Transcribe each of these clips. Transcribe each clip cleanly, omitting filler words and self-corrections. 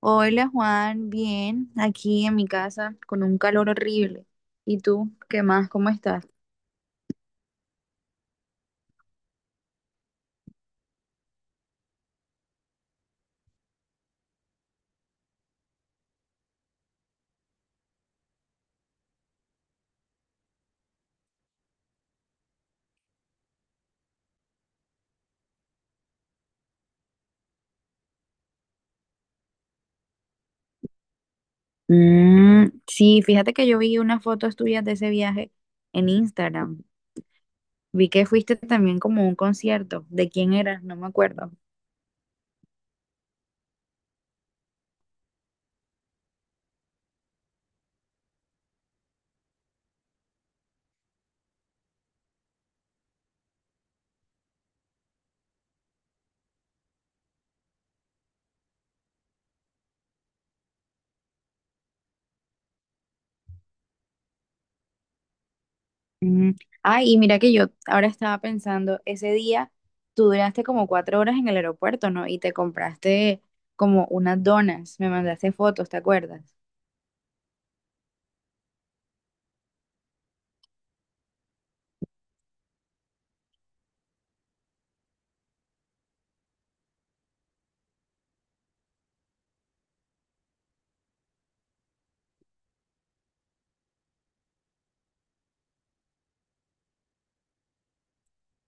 Hola Juan, bien, aquí en mi casa con un calor horrible. ¿Y tú, qué más? ¿Cómo estás? Mm, sí, fíjate que yo vi unas fotos tuyas de ese viaje en Instagram. Vi que fuiste también como a un concierto. ¿De quién eras? No me acuerdo. Mm. Ay, y mira que yo ahora estaba pensando, ese día tú duraste como 4 horas en el aeropuerto, ¿no? Y te compraste como unas donas, me mandaste fotos, ¿te acuerdas?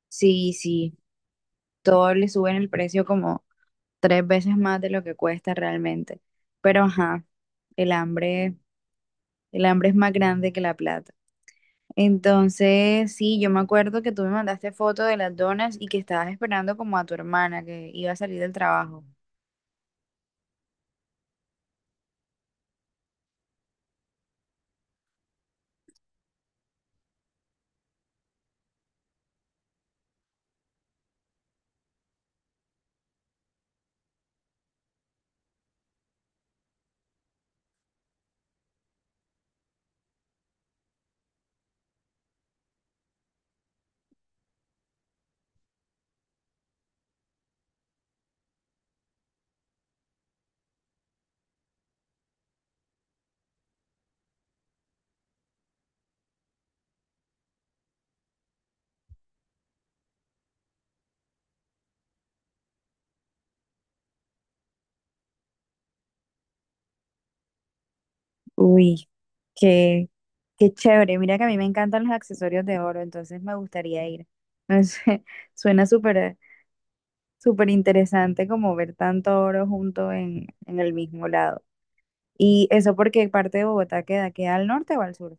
Sí, sí, todo le suben el precio como tres veces más de lo que cuesta realmente. Pero ajá, el hambre, el hambre es más grande que la plata. Entonces, sí, yo me acuerdo que tú me mandaste foto de las donas y que estabas esperando como a tu hermana que iba a salir del trabajo. Uy, qué, qué chévere. Mira que a mí me encantan los accesorios de oro, entonces me gustaría ir. No sé, suena súper, súper interesante como ver tanto oro junto en el mismo lado. ¿Y eso porque parte de Bogotá queda? ¿Queda al norte o al sur?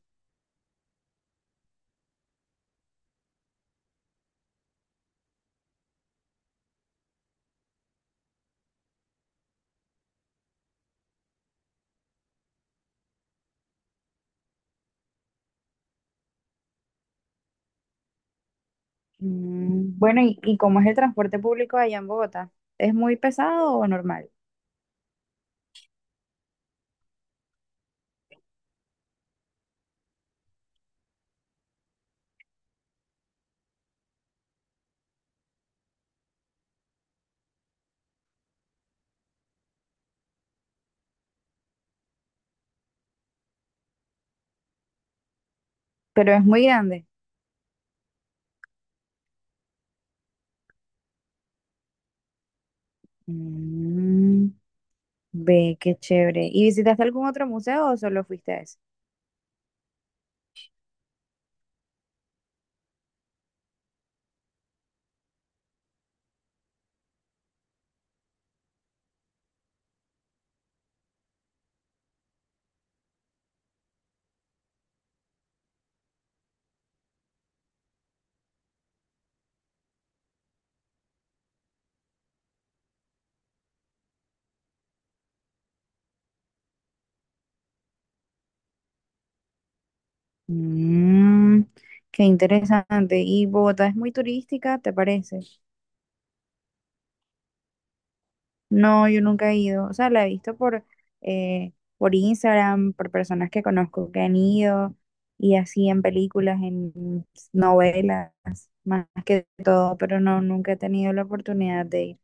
Mm, bueno, ¿y cómo es el transporte público allá en Bogotá? ¿Es muy pesado o normal? Pero es muy grande. Mm, ve, qué chévere. ¿Y visitaste algún otro museo o solo fuiste a ese? Mm, qué interesante. ¿Y Bogotá es muy turística, te parece? No, yo nunca he ido. O sea, la he visto por Instagram, por personas que conozco que han ido y así en películas, en novelas, más que todo, pero no, nunca he tenido la oportunidad de ir.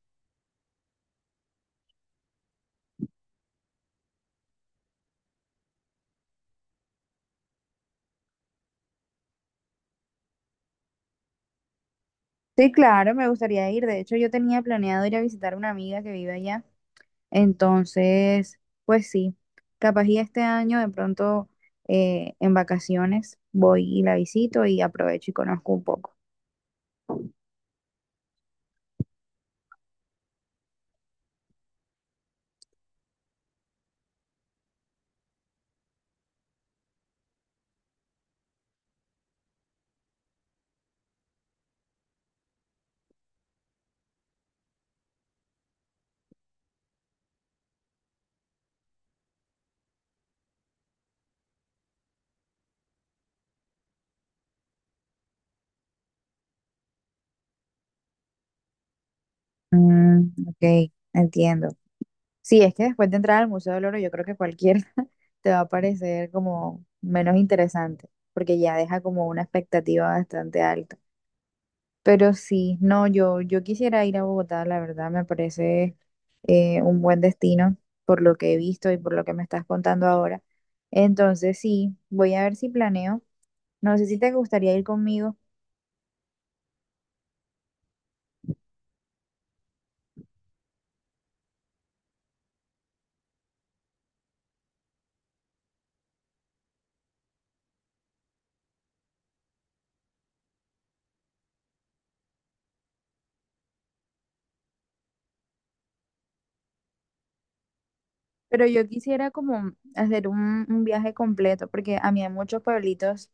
Sí, claro, me gustaría ir. De hecho, yo tenía planeado ir a visitar a una amiga que vive allá. Entonces, pues sí, capaz y este año de pronto en vacaciones voy y la visito y aprovecho y conozco un poco. Mm, ok, entiendo. Sí, es que después de entrar al Museo del Oro, yo creo que cualquier te va a parecer como menos interesante, porque ya deja como una expectativa bastante alta. Pero sí, no, yo quisiera ir a Bogotá, la verdad, me parece un buen destino por lo que he visto y por lo que me estás contando ahora. Entonces sí, voy a ver si planeo. No sé si te gustaría ir conmigo, pero yo quisiera como hacer un viaje completo, porque a mí hay muchos pueblitos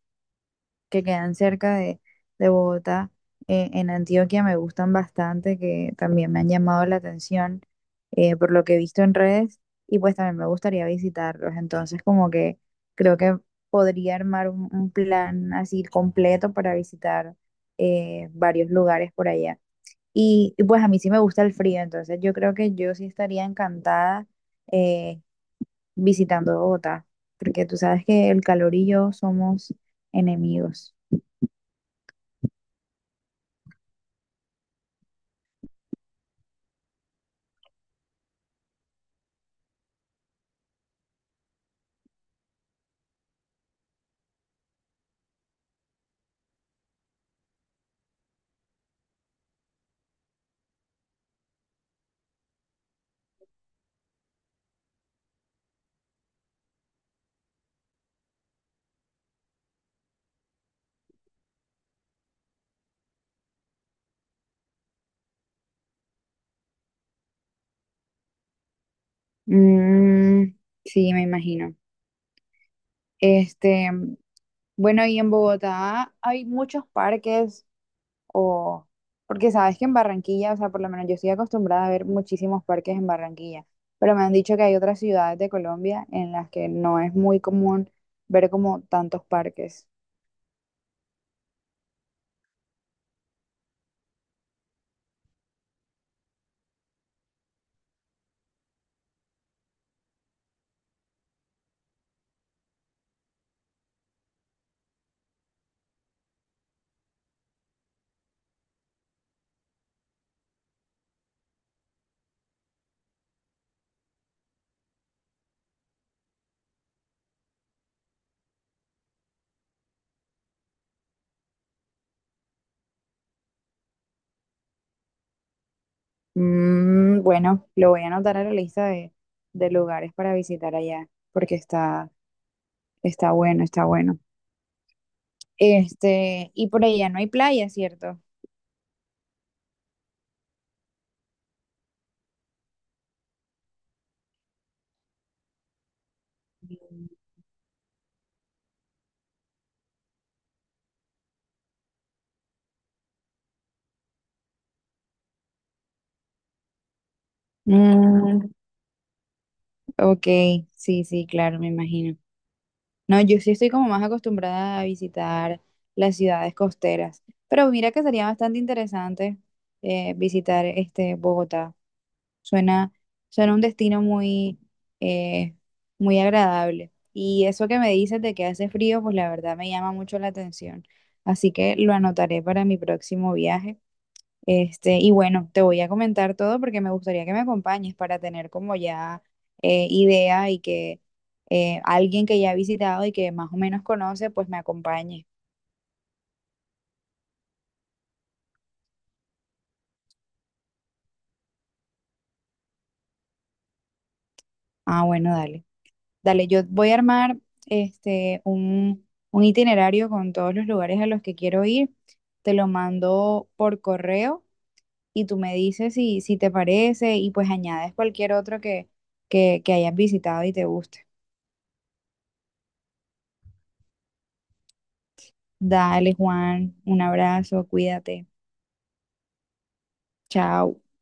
que quedan cerca de Bogotá, en Antioquia me gustan bastante, que también me han llamado la atención por lo que he visto en redes y pues también me gustaría visitarlos. Entonces como que creo que podría armar un plan así completo para visitar varios lugares por allá. Pues a mí sí me gusta el frío, entonces yo creo que yo sí estaría encantada eh, visitando Bogotá, porque tú sabes que el calor y yo somos enemigos. Mm, sí, me imagino. Este, bueno, y en Bogotá hay muchos parques o porque sabes que en Barranquilla, o sea, por lo menos yo estoy acostumbrada a ver muchísimos parques en Barranquilla, pero me han dicho que hay otras ciudades de Colombia en las que no es muy común ver como tantos parques. Mm, bueno, lo voy a anotar a la lista de lugares para visitar allá, porque está bueno, está bueno. Y por allá no hay playa, ¿cierto? Mm, ok, sí, sí, claro, me imagino. No, yo sí estoy como más acostumbrada a visitar las ciudades costeras, pero mira que sería bastante interesante visitar este Bogotá. Suena, suena un destino eh, muy agradable. Y eso que me dices de que hace frío, pues la verdad me llama mucho la atención. Así que lo anotaré para mi próximo viaje. Y bueno, te voy a comentar todo porque me gustaría que me acompañes para tener como ya idea y que alguien que ya ha visitado y que más o menos conoce, pues me acompañe. Ah, bueno, dale. Dale, yo voy a armar un itinerario con todos los lugares a los que quiero ir. Te lo mando por correo y tú me dices si te parece y pues añades cualquier otro que hayas visitado y te guste. Dale, Juan, un abrazo, cuídate. Chao.